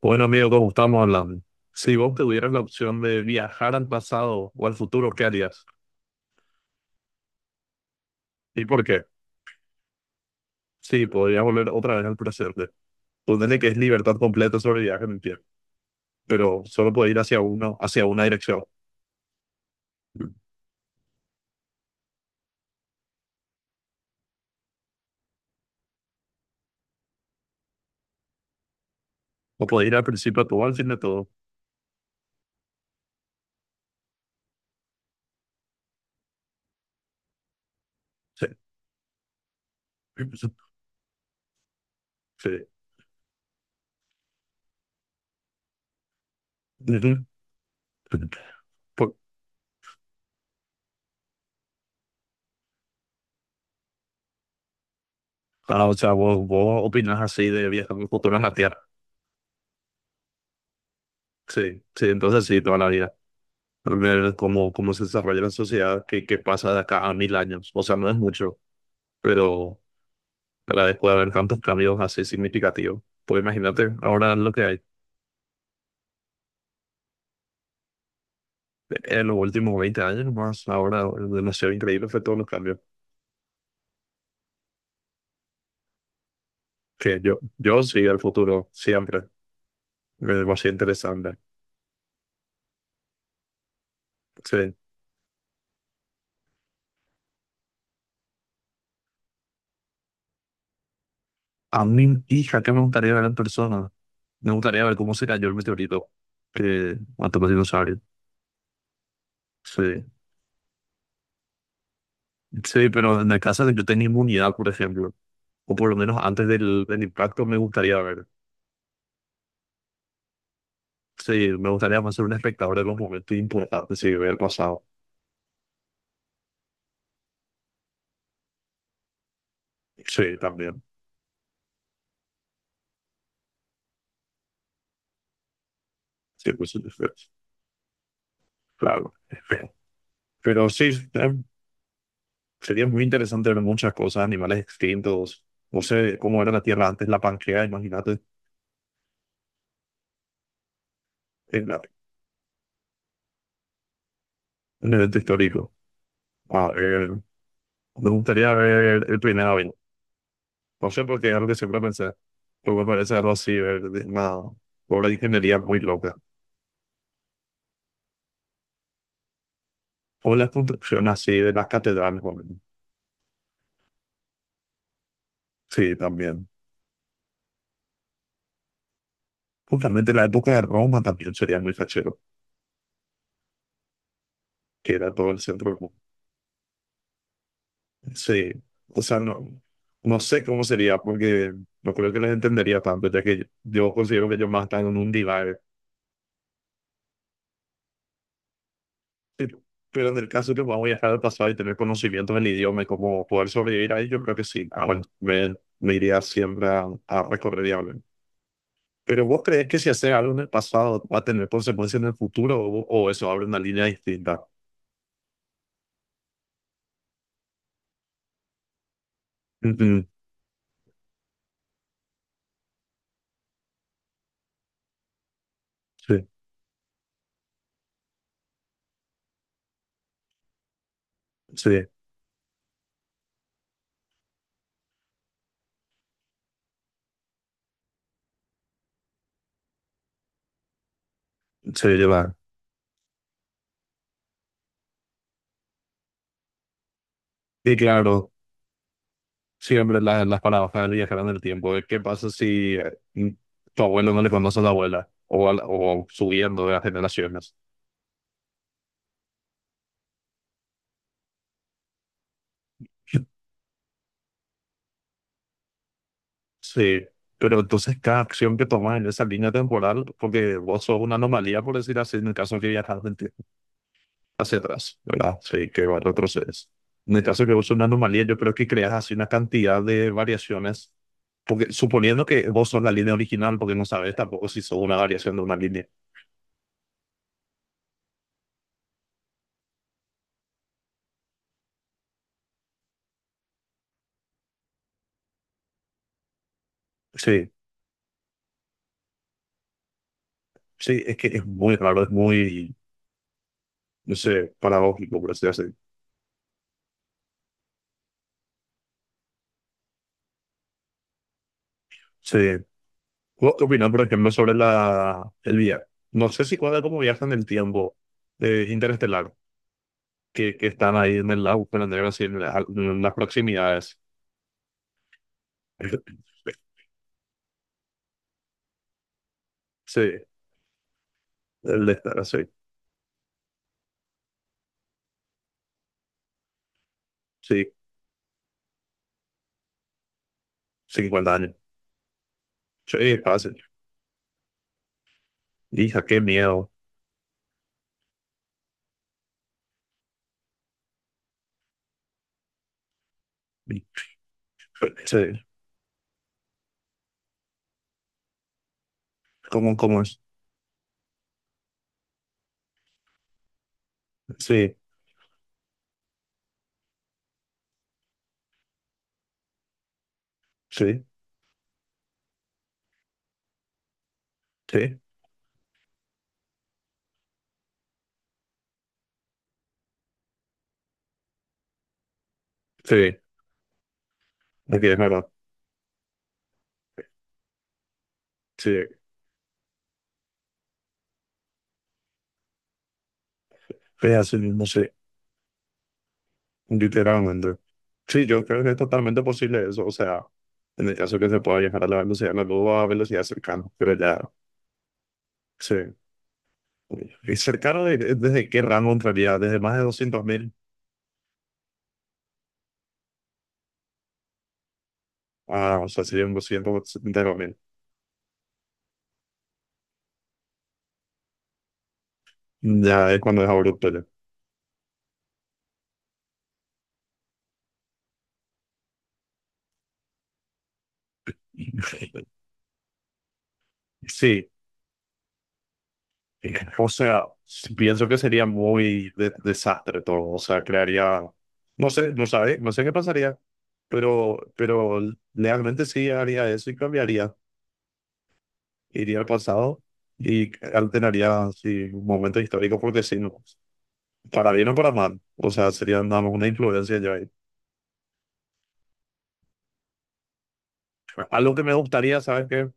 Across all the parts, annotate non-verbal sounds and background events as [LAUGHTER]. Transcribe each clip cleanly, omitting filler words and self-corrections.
Bueno, amigo, ¿cómo estamos hablando? Si vos tuvieras la opción de viajar al pasado o al futuro, ¿qué harías? ¿Y por qué? Sí, podrías volver otra vez al presente. Ponele que es libertad completa sobre viaje en el tiempo, pero solo puede ir hacia uno, hacia una dirección. O puede ir al principio a todo, al fin de todo. Sí. [LAUGHS] Sí. Ujú. Por- o sea, vos opinas así de viajar al futuro en la Tierra. Sí, sí, entonces sí, toda la vida. Ver cómo, cómo se desarrolla la sociedad, qué pasa de acá a 1000 años. O sea, no es mucho, pero para después de haber tantos cambios así significativos. Pues imagínate, ahora lo que hay en los últimos 20 años más, ahora es demasiado increíble fue todos los cambios. Que yo sí, el futuro, siempre, me va a ser interesante. Sí. A mi hija, ¿qué me gustaría ver en persona? Me gustaría ver cómo se cayó el meteorito que mató a los dinosaurios. Sí, sí, pero en el caso de que yo tenga inmunidad, por ejemplo, o por lo menos antes del impacto, me gustaría ver. Sí, me gustaría más ser un espectador de los momentos importantes, sí, ver el pasado. Sí, también. Sí, pues, sí, sí, sí, claro. Es feo. Pero sí, sería muy interesante ver muchas cosas, animales extintos. No sé cómo era la Tierra antes, la Pangea, imagínate, en, la- en el evento histórico. A ver, me gustaría ver el primer avión. No sé por qué, algo que siempre pensé. Pero me parece algo así, ver de una obra de ingeniería muy loca. O la construcción así de las catedrales. Bueno, sí, también. Justamente la época de Roma también sería muy fachero, que era todo el centro. Sí, o sea, no, no sé cómo sería porque no creo que les entendería tanto, ya que yo, considero que ellos más están en un divague. Pero, pero en el caso que vamos a viajar al pasado y tener conocimientos del idioma y cómo poder sobrevivir ahí, yo creo que sí. Ah, bueno, me iría siempre a recorrer y hablar. Pero ¿vos crees que si haces algo en el pasado va a tener consecuencias en el futuro o eso abre una línea distinta? Ujú, sí, sí, sí, lleva. Y claro. Siempre la- las palabras para viajar en el tiempo. ¿Qué pasa si tu abuelo no le conoce a la abuela? O, o subiendo de las generaciones. Sí, pero entonces cada acción que tomas en esa línea temporal, porque vos sos una anomalía, por decir así, en el caso que viajas del tiempo hacia atrás, ¿verdad? Sí, que va, retrocedes. En el caso que vos sos una anomalía, yo creo que creas así una cantidad de variaciones, porque suponiendo que vos sos la línea original, porque no sabes tampoco si sos una variación de una línea. Sí, sí, es que es muy raro, es muy no sé, paradójico, por así decirlo. Sí. ¿Vos qué opinas, por ejemplo, sobre el viaje? No sé si cuadra cómo viajan el tiempo de interestelar, que están ahí en el lago, pero así, en las proximidades. [LAUGHS] Sí, el de estar así. Sí, 50 años. Sí, fácil. Hija, qué miedo. Sí, ¿cómo, cómo es? Sí, sí, sí, sí. Aquí es verdad. Sí, es así mismo, sí. Literalmente. Sí, yo creo que es totalmente posible eso. O sea, en el caso que se pueda viajar a la velocidad de la luz o a velocidad cercana, pero ya, sí. ¿Y cercano desde qué rango entraría? Desde más de 200.000, ah, o sea, serían 270.000. Ya es cuando es abrupto. Ya. [LAUGHS] Sí, o sea, pienso que sería muy desastre todo. O sea, crearía, no sé, no sabe, no sé qué pasaría, pero realmente sí haría eso y cambiaría. Iría al pasado y alteraría sí, un momento histórico porque sí, no, para bien o para mal. O sea, sería nada más una influencia yo ahí. Algo que me gustaría, ¿sabes qué?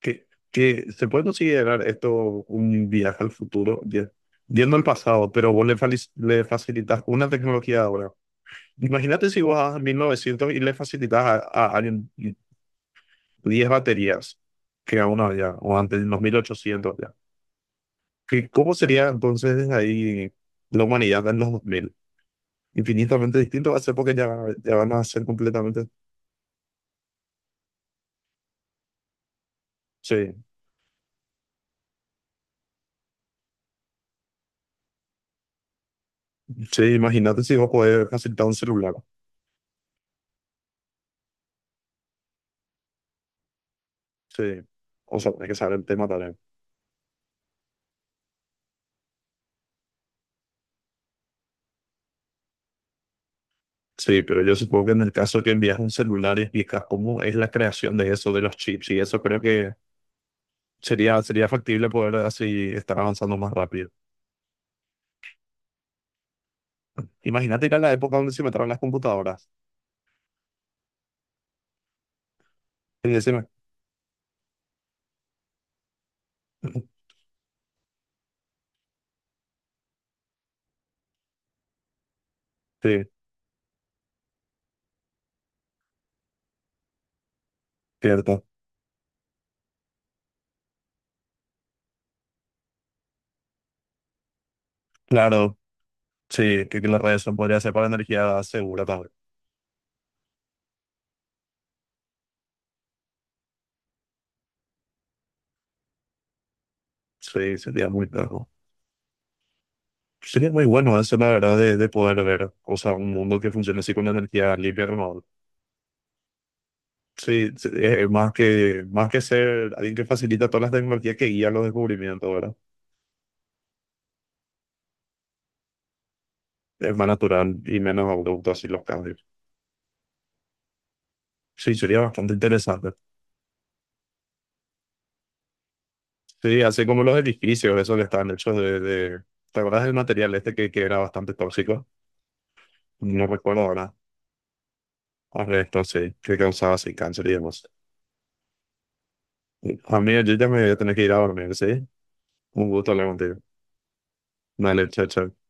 Que se puede considerar esto un viaje al futuro, viendo el pasado, pero vos le facilitas una tecnología ahora. Imagínate si vos vas a 1900 y le facilitas a alguien 10 baterías que aún había, o antes, en los 1800 ya. ¿Qué- ¿Cómo sería entonces ahí la humanidad en los 2000? Infinitamente distinto va a ser porque ya, ya van a ser completamente. Sí, sí, imagínate si vos podés facilitar un celular. Sí, o sea, tenés que saber el tema también. Sí, pero yo supongo que en el caso que envías un celular y explicas cómo es la creación de eso, de los chips y eso, creo que sería, sería factible poder así estar avanzando más rápido. Imagínate ir a la época donde se metieron las computadoras. Sí, decime. [LAUGHS] Sí, cierto. Claro, sí, que las redes son podría ser para energía segura también. Sí, sería muy claro. Sería muy bueno eso, la verdad, de poder ver, o sea, un mundo que funcione así con energía limpia y renovable. Sí, sí, es más que ser alguien que facilita todas las tecnologías que guían los descubrimientos, ¿verdad? Es más natural y menos abrupto así los cambios. Sí, sería bastante interesante. Sí, así como los edificios, esos que están hechos de... ¿Te acuerdas del material este que era bastante tóxico? No recuerdo ahora. Ahora esto sí, que causaba así cáncer y demás. A mí yo ya me voy a tener que ir a dormir, ¿sí? Un gusto hablar contigo. Dale, chao, chao.